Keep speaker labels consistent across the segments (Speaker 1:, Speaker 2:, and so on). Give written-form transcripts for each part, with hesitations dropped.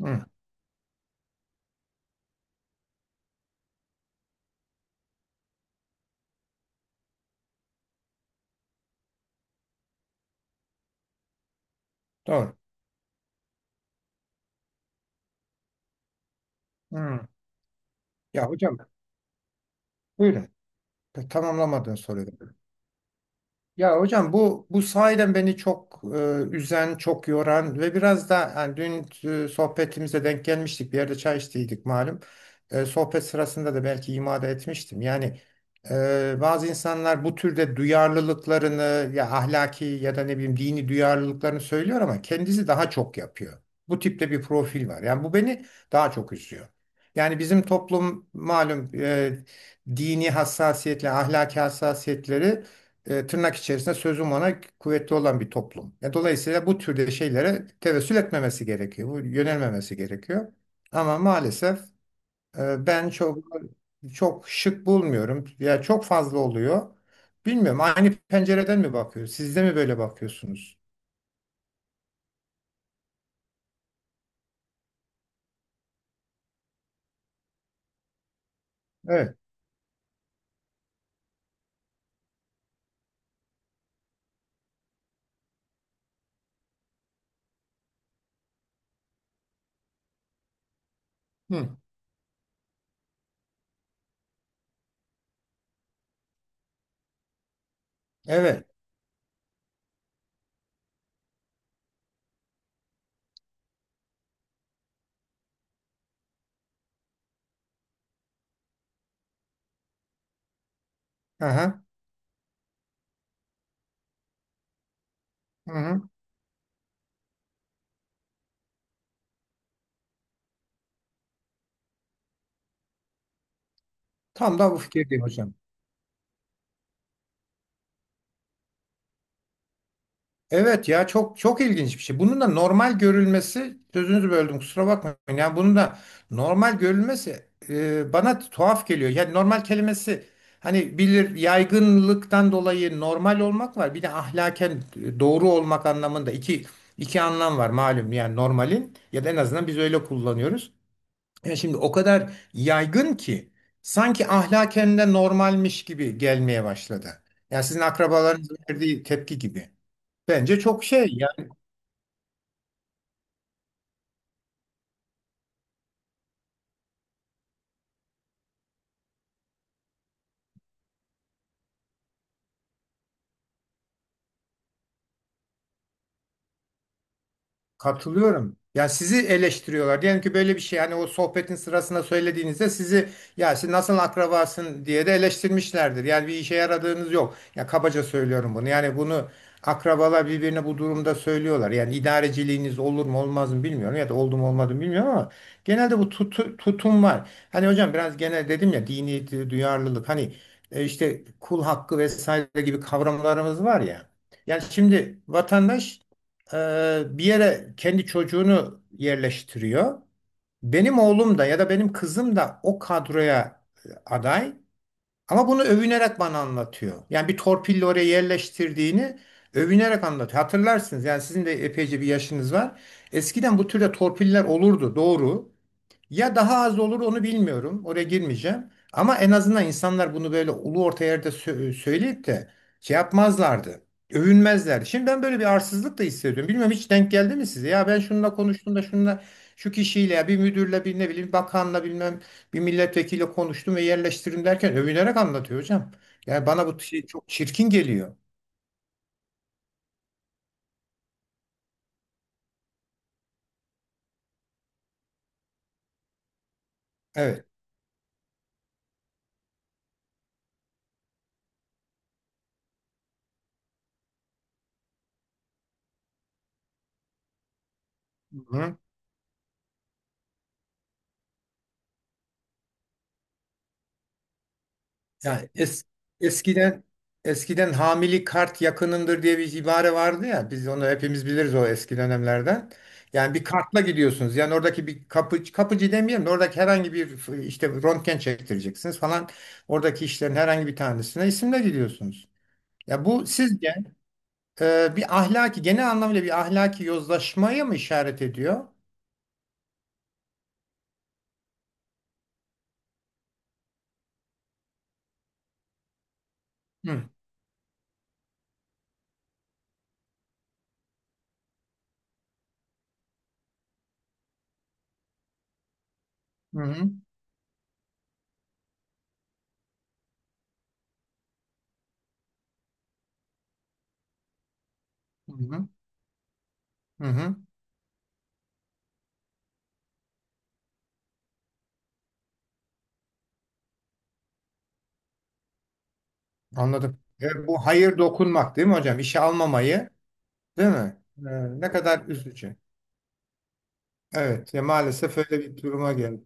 Speaker 1: Hı, doğru. Hı. Ya hocam buyurun. Tamamlamadığını soruyorum. Ya hocam bu sahiden beni çok üzen, çok yoran ve biraz da yani dün sohbetimize denk gelmiştik. Bir yerde çay içtiydik malum. Sohbet sırasında da belki imada etmiştim. Yani bazı insanlar bu türde duyarlılıklarını ya ahlaki ya da ne bileyim dini duyarlılıklarını söylüyor ama kendisi daha çok yapıyor. Bu tipte bir profil var. Yani bu beni daha çok üzüyor. Yani bizim toplum malum dini hassasiyetle, ahlaki hassasiyetleri tırnak içerisinde sözüm ona kuvvetli olan bir toplum. Dolayısıyla bu türde şeylere tevessül etmemesi gerekiyor. Bu yönelmemesi gerekiyor. Ama maalesef ben çok çok şık bulmuyorum. Ya çok fazla oluyor. Bilmiyorum. Aynı pencereden mi bakıyoruz? Siz de mi böyle bakıyorsunuz? Evet. Hı. Evet. Aha. Hı hı. Tam da bu fikirdeyim hocam. Evet, ya çok çok ilginç bir şey. Bunun da normal görülmesi sözünüzü böldüm kusura bakmayın. Yani bunun da normal görülmesi bana tuhaf geliyor. Yani normal kelimesi hani bilir yaygınlıktan dolayı normal olmak var. Bir de ahlaken doğru olmak anlamında iki iki anlam var malum. Yani normalin ya da en azından biz öyle kullanıyoruz. Yani şimdi o kadar yaygın ki sanki ahlaken de normalmiş gibi gelmeye başladı. Yani sizin akrabalarınızın verdiği tepki gibi. Bence çok şey yani katılıyorum. Ya sizi eleştiriyorlar. Diyelim ki böyle bir şey hani o sohbetin sırasında söylediğinizde sizi ya siz nasıl akrabasın diye de eleştirmişlerdir. Yani bir işe yaradığınız yok. Ya kabaca söylüyorum bunu. Yani bunu akrabalar birbirine bu durumda söylüyorlar. Yani idareciliğiniz olur mu olmaz mı bilmiyorum ya da oldu mu olmadı mı bilmiyorum ama genelde bu tutum var. Hani hocam biraz genel dedim ya dini duyarlılık hani işte kul hakkı vesaire gibi kavramlarımız var ya. Yani şimdi vatandaş bir yere kendi çocuğunu yerleştiriyor. Benim oğlum da ya da benim kızım da o kadroya aday. Ama bunu övünerek bana anlatıyor. Yani bir torpille oraya yerleştirdiğini övünerek anlatıyor. Hatırlarsınız yani sizin de epeyce bir yaşınız var. Eskiden bu türde torpiller olurdu doğru. Ya daha az olur onu bilmiyorum. Oraya girmeyeceğim. Ama en azından insanlar bunu böyle ulu orta yerde söyleyip de şey yapmazlardı. Övünmezler. Şimdi ben böyle bir arsızlık da hissediyorum. Bilmiyorum hiç denk geldi mi size? Ya ben şununla konuştuğumda şununla şu kişiyle ya bir müdürle bir ne bileyim bakanla bilmem bir milletvekiliyle konuştum ve yerleştirdim derken övünerek anlatıyor hocam. Yani bana bu şey çok çirkin geliyor. Evet. Yani eskiden eskiden hamili kart yakınındır diye bir ibare vardı ya. Biz onu hepimiz biliriz o eski dönemlerden. Yani bir kartla gidiyorsunuz. Yani oradaki bir kapı, kapıcı demeyelim de oradaki herhangi bir işte röntgen çektireceksiniz falan. Oradaki işlerin herhangi bir tanesine isimle gidiyorsunuz. Ya bu sizce bir ahlaki genel anlamıyla bir ahlaki yozlaşmaya mı işaret ediyor? Hı hı hı hı. Hı. Hı. Anladım. Bu hayır dokunmak değil mi hocam? İşe almamayı değil mi? Ne kadar üzücü. Evet, ya maalesef öyle bir duruma geldi.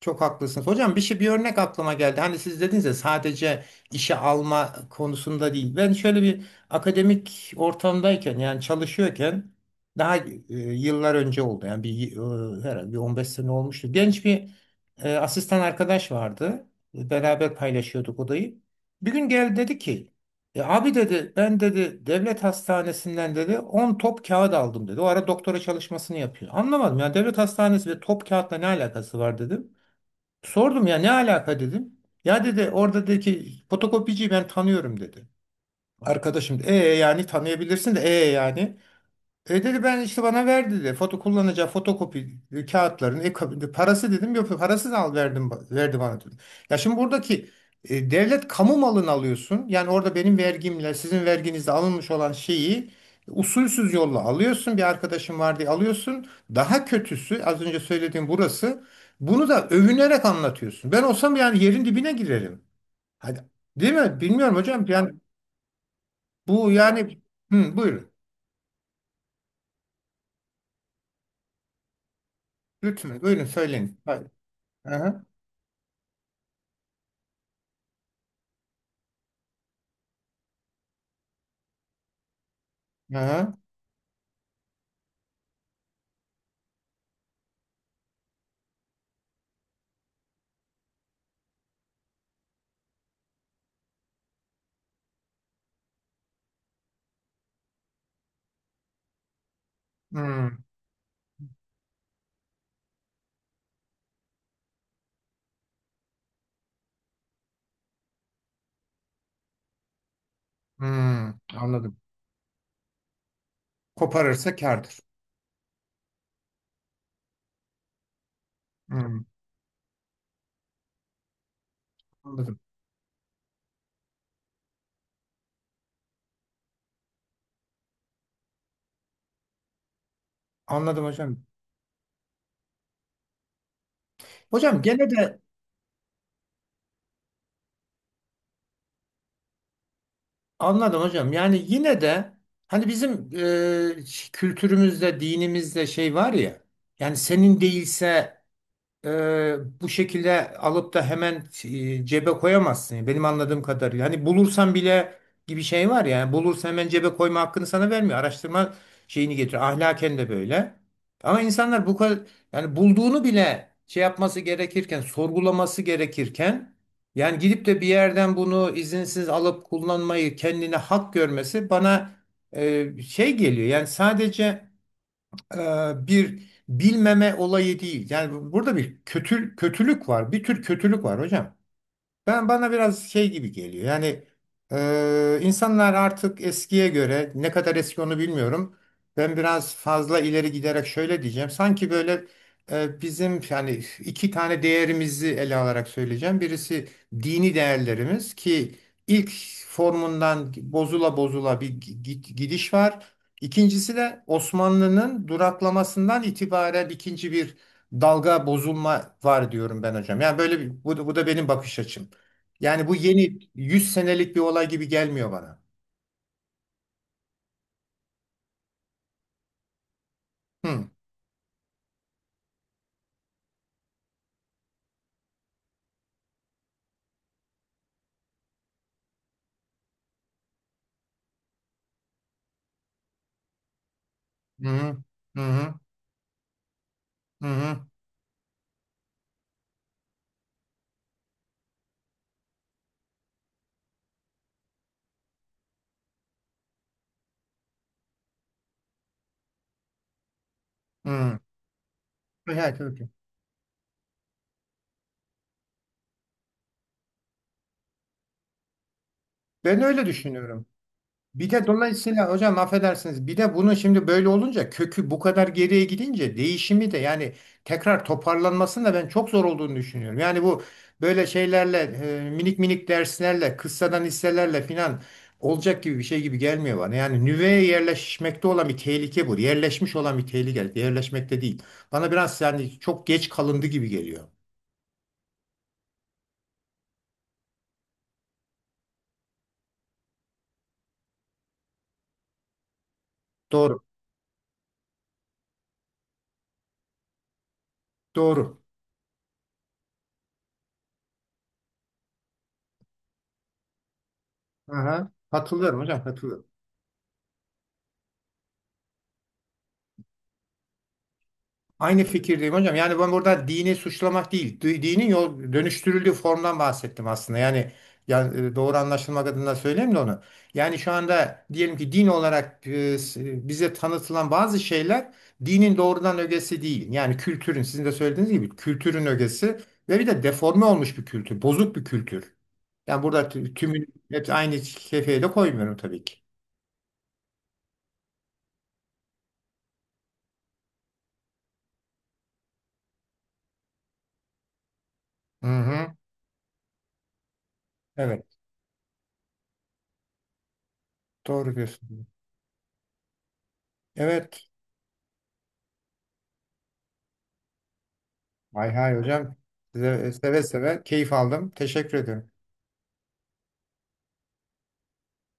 Speaker 1: Çok haklısınız. Hocam bir şey bir örnek aklıma geldi. Hani siz dediniz ya sadece işe alma konusunda değil. Ben şöyle bir akademik ortamdayken yani çalışıyorken daha yıllar önce oldu. Yani bir herhalde bir 15 sene olmuştu. Genç bir asistan arkadaş vardı. Beraber paylaşıyorduk odayı. Bir gün geldi dedi ki abi dedi ben dedi devlet hastanesinden dedi 10 top kağıt aldım dedi. O ara doktora çalışmasını yapıyor. Anlamadım yani devlet hastanesi ve top kağıtla ne alakası var dedi. Sordum ya ne alaka dedim. Ya dedi oradaki fotokopiciyi ben tanıyorum dedi. Arkadaşım da, e yani tanıyabilirsin de e yani. E dedi ben işte bana ver dedi. Foto kullanacağı fotokopi kağıtlarını, kabinde parası dedim. Yok parasız al verdim verdi bana dedi. Ya şimdi buradaki devlet kamu malını alıyorsun. Yani orada benim vergimle sizin verginizle alınmış olan şeyi usulsüz yolla alıyorsun. Bir arkadaşım var diye alıyorsun. Daha kötüsü az önce söylediğim burası. Bunu da övünerek anlatıyorsun. Ben olsam yani yerin dibine girerim. Hadi. Değil mi? Bilmiyorum hocam. Yani bu yani hı, buyurun. Lütfen buyurun söyleyin. Hayır. Aha. Hmm, hmm, anladım. Koparırsa kârdır. Hmm, anladım. Anladım hocam. Hocam gene de anladım hocam. Yani yine de hani bizim kültürümüzde, dinimizde şey var ya. Yani senin değilse e, bu şekilde alıp da hemen cebe koyamazsın. Yani benim anladığım kadarıyla. Hani bulursan bile gibi şey var ya. Bulursan hemen cebe koyma hakkını sana vermiyor. Araştırma şeyini getiriyor. Ahlaken de böyle. Ama insanlar bu kadar yani bulduğunu bile şey yapması gerekirken, sorgulaması gerekirken yani gidip de bir yerden bunu izinsiz alıp kullanmayı kendine hak görmesi bana şey geliyor. Yani sadece e, bir bilmeme olayı değil. Yani burada bir kötü, kötülük var. Bir tür kötülük var hocam. Ben bana biraz şey gibi geliyor. Yani insanlar artık eskiye göre ne kadar eski onu bilmiyorum. Ben biraz fazla ileri giderek şöyle diyeceğim. Sanki böyle bizim yani iki tane değerimizi ele alarak söyleyeceğim. Birisi dini değerlerimiz ki ilk formundan bozula bozula bir gidiş var. İkincisi de Osmanlı'nın duraklamasından itibaren ikinci bir dalga bozulma var diyorum ben hocam. Yani böyle bir, bu, bu da benim bakış açım. Yani bu yeni 100 senelik bir olay gibi gelmiyor bana. Hı hı hı hı hı hı. Hı. Hı. Evet, evet. Ben öyle düşünüyorum. Bir de dolayısıyla hocam affedersiniz bir de bunun şimdi böyle olunca kökü bu kadar geriye gidince değişimi de yani tekrar toparlanmasını da ben çok zor olduğunu düşünüyorum. Yani bu böyle şeylerle minik minik derslerle kıssadan hisselerle filan olacak gibi bir şey gibi gelmiyor bana. Yani nüveye yerleşmekte olan bir tehlike bu. Yerleşmiş olan bir tehlike yerleşmekte değil. Bana biraz yani çok geç kalındı gibi geliyor. Doğru. Doğru. Aha. Katılıyorum hocam katılıyorum. Aynı fikirdeyim hocam. Yani ben burada dini suçlamak değil, dinin yol dönüştürüldüğü formdan bahsettim aslında. Yani doğru anlaşılmak adına söyleyeyim de onu. Yani şu anda diyelim ki din olarak bize tanıtılan bazı şeyler dinin doğrudan ögesi değil. Yani kültürün, sizin de söylediğiniz gibi kültürün ögesi ve bir de deforme olmuş bir kültür, bozuk bir kültür. Yani burada tümünü hepsi aynı kefeye de koymuyorum tabii ki. Hı hı. Evet, doğru diyorsun. Evet. Hay hay hocam. Size seve seve keyif aldım. Teşekkür ederim.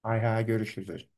Speaker 1: Hay hay görüşürüz hocam.